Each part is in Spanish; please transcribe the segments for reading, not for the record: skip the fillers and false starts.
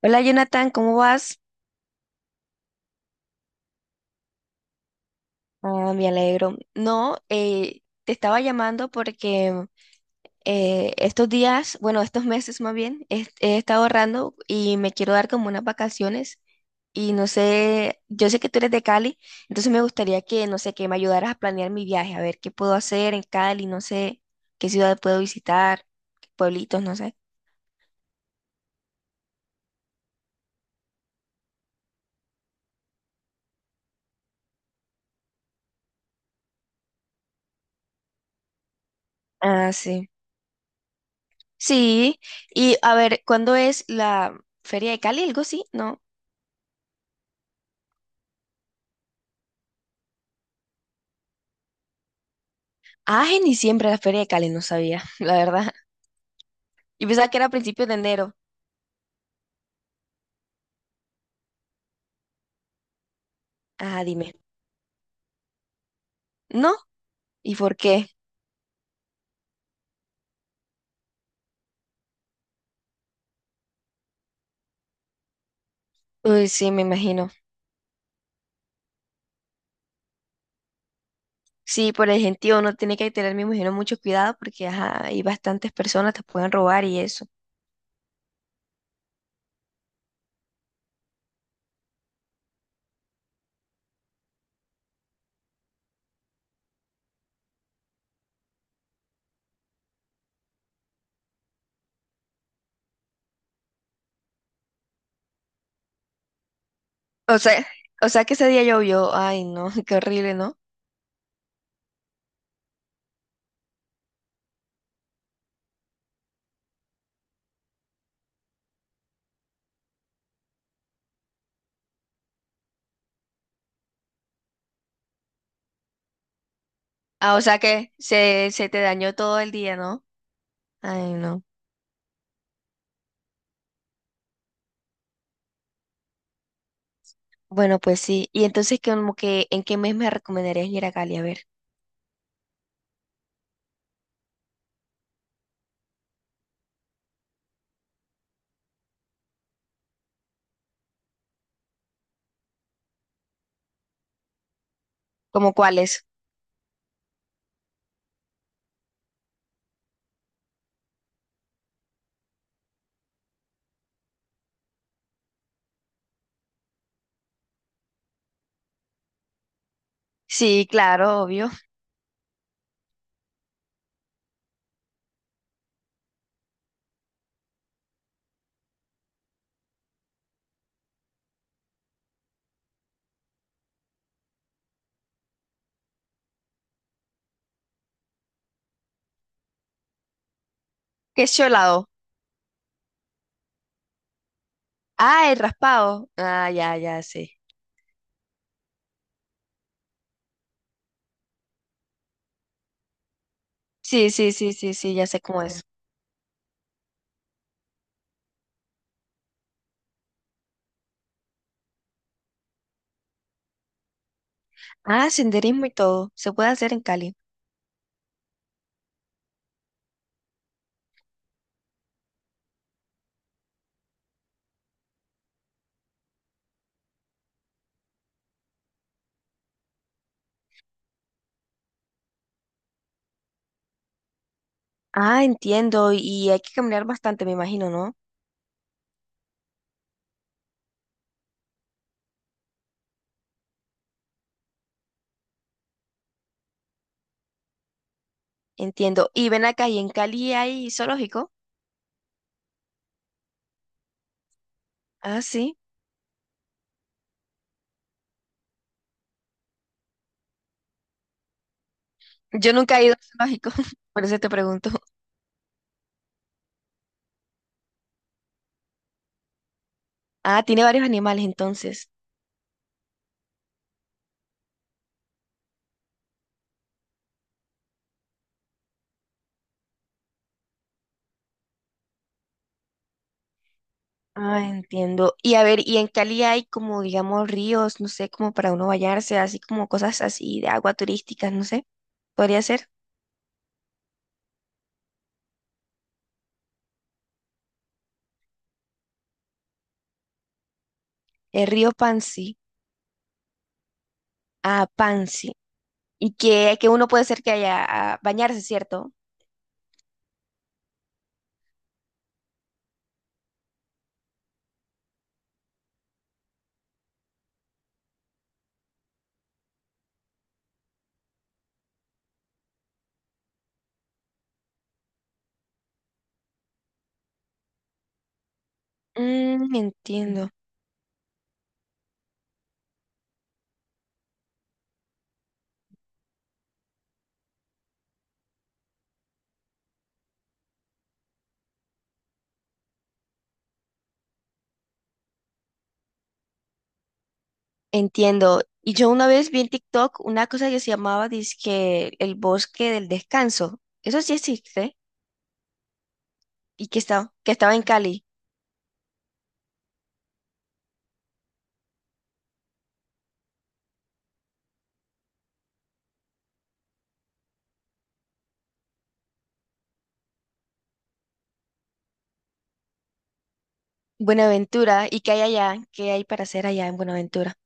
Hola Jonathan, ¿cómo vas? Ah, me alegro. No, te estaba llamando porque estos días, bueno, estos meses más bien, he estado ahorrando y me quiero dar como unas vacaciones y no sé, yo sé que tú eres de Cali, entonces me gustaría que, no sé, que me ayudaras a planear mi viaje, a ver qué puedo hacer en Cali, no sé, qué ciudad puedo visitar, qué pueblitos, no sé. Ah, sí. Sí, y a ver, ¿cuándo es la Feria de Cali? ¿Algo así? ¿No? Ah, en diciembre la Feria de Cali, no sabía, la verdad. Yo pensaba que era a principios de enero. Ah, dime. ¿No? ¿Y por qué? Uy, sí, me imagino. Sí, por el gentío uno tiene que tener, me imagino, mucho cuidado porque ajá, hay bastantes personas, te pueden robar y eso. O sea, o sea que ese día llovió. Ay, no, qué horrible, ¿no? Ah, o sea que se te dañó todo el día, ¿no? Ay, no. Bueno, pues sí. Y entonces, como que, ¿en qué mes me recomendarías ir a Cali? A ver, ¿como cuáles? Sí, claro, obvio. ¿Qué es Cholado? Ah, el raspado. Ah, ya, ya, sí. Sí, sí, sí, sí, sí, ya sé cómo es. Ah, senderismo y todo. Se puede hacer en Cali. Ah, entiendo. Y hay que caminar bastante, me imagino, ¿no? Entiendo. Y ven acá, ¿y en Cali hay zoológico? Ah, sí. Yo nunca he ido al zoológico, por eso te pregunto. Ah, tiene varios animales entonces. Ah, entiendo. Y a ver, ¿y en Cali hay como, digamos, ríos, no sé, como para uno bañarse, así como cosas así de agua turísticas, no sé? ¿Podría ser? El río Pansi. Ah, Pansi. Y que uno puede ser que haya a bañarse, ¿cierto? Mm, entiendo, entiendo. Y yo una vez vi en TikTok una cosa que se llamaba dizque el bosque del descanso. Eso sí existe y que estaba en Cali, Buenaventura. ¿Y qué hay allá? ¿Qué hay para hacer allá en Buenaventura?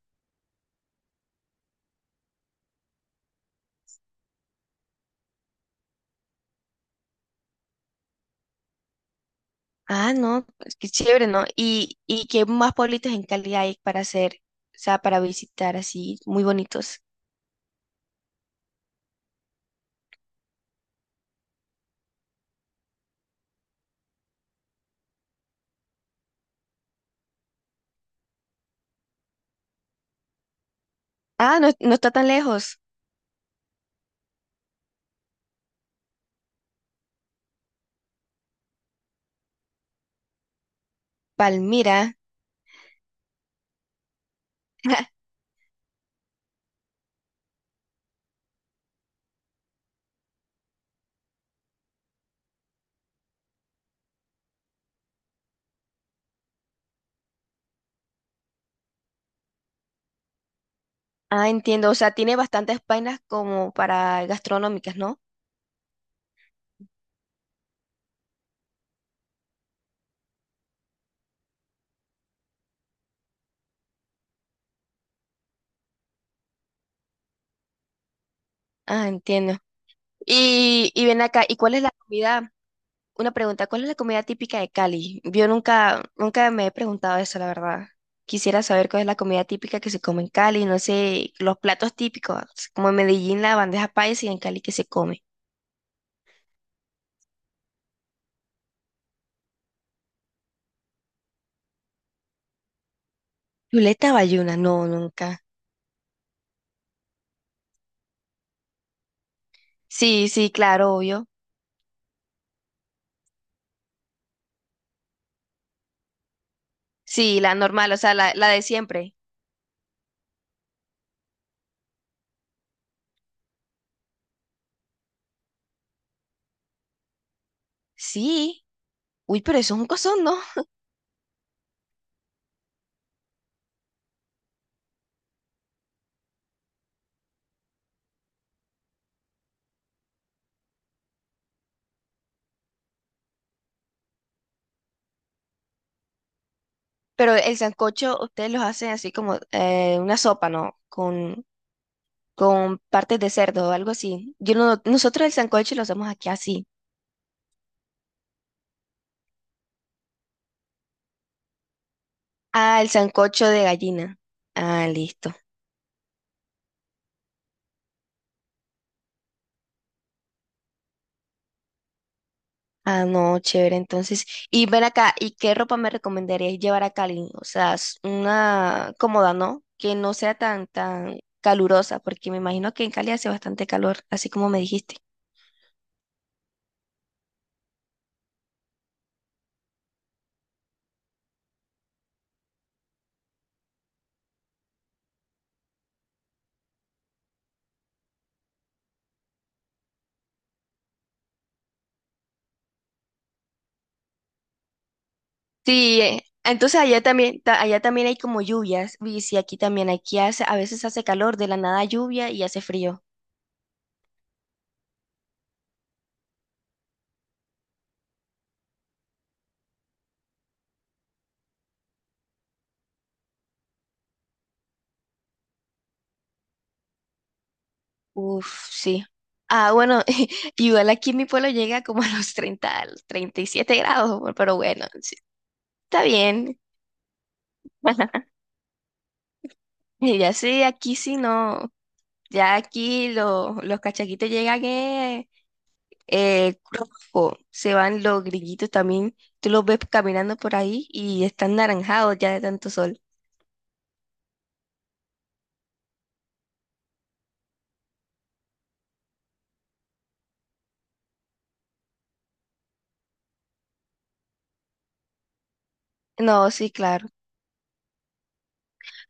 Ah, no, pues qué chévere, ¿no? ¿Y qué más pueblitos en Cali hay para hacer, o sea, para visitar así, muy bonitos? Ah, no, no está tan lejos. Palmira. Ah, entiendo, o sea, tiene bastantes vainas como para gastronómicas, ¿no? Ah, entiendo. Y ven acá, ¿y cuál es la comida? Una pregunta, ¿cuál es la comida típica de Cali? Yo nunca, nunca me he preguntado eso, la verdad. Quisiera saber cuál es la comida típica que se come en Cali, no sé, los platos típicos, como en Medellín la bandeja paisa y en Cali que se come. Chuleta bayuna, no, nunca. Sí, sí, claro, obvio. Sí, la normal, o sea, la de siempre. Sí. Uy, pero eso es un cosón, ¿no? Pero el sancocho ustedes los hacen así como una sopa, ¿no? Con partes de cerdo o algo así. Yo no, nosotros el sancocho lo hacemos aquí así. Ah, el sancocho de gallina. Ah, listo. Ah, no, chévere. Entonces, y ven acá, ¿y qué ropa me recomendarías llevar a Cali? O sea, una cómoda, ¿no? Que no sea tan, tan calurosa, porque me imagino que en Cali hace bastante calor, así como me dijiste. Sí, entonces allá también hay como lluvias, y sí, aquí también, aquí hace, a veces hace calor, de la nada lluvia y hace frío. Uf, sí. Ah, bueno, igual aquí en mi pueblo llega como a los 30, a los 37 grados, pero bueno, sí, está bien. Y ya sí, aquí sí no. Ya aquí los cachaquitos llegan rojo, se van los grillitos también. Tú los ves caminando por ahí y están naranjados ya de tanto sol. No, sí, claro.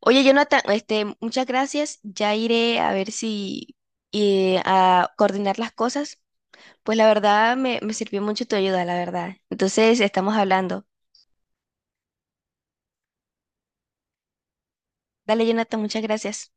Oye, Jonathan, muchas gracias. Ya iré a ver si a coordinar las cosas. Pues la verdad me sirvió mucho tu ayuda, la verdad. Entonces estamos hablando. Dale, Jonathan, muchas gracias.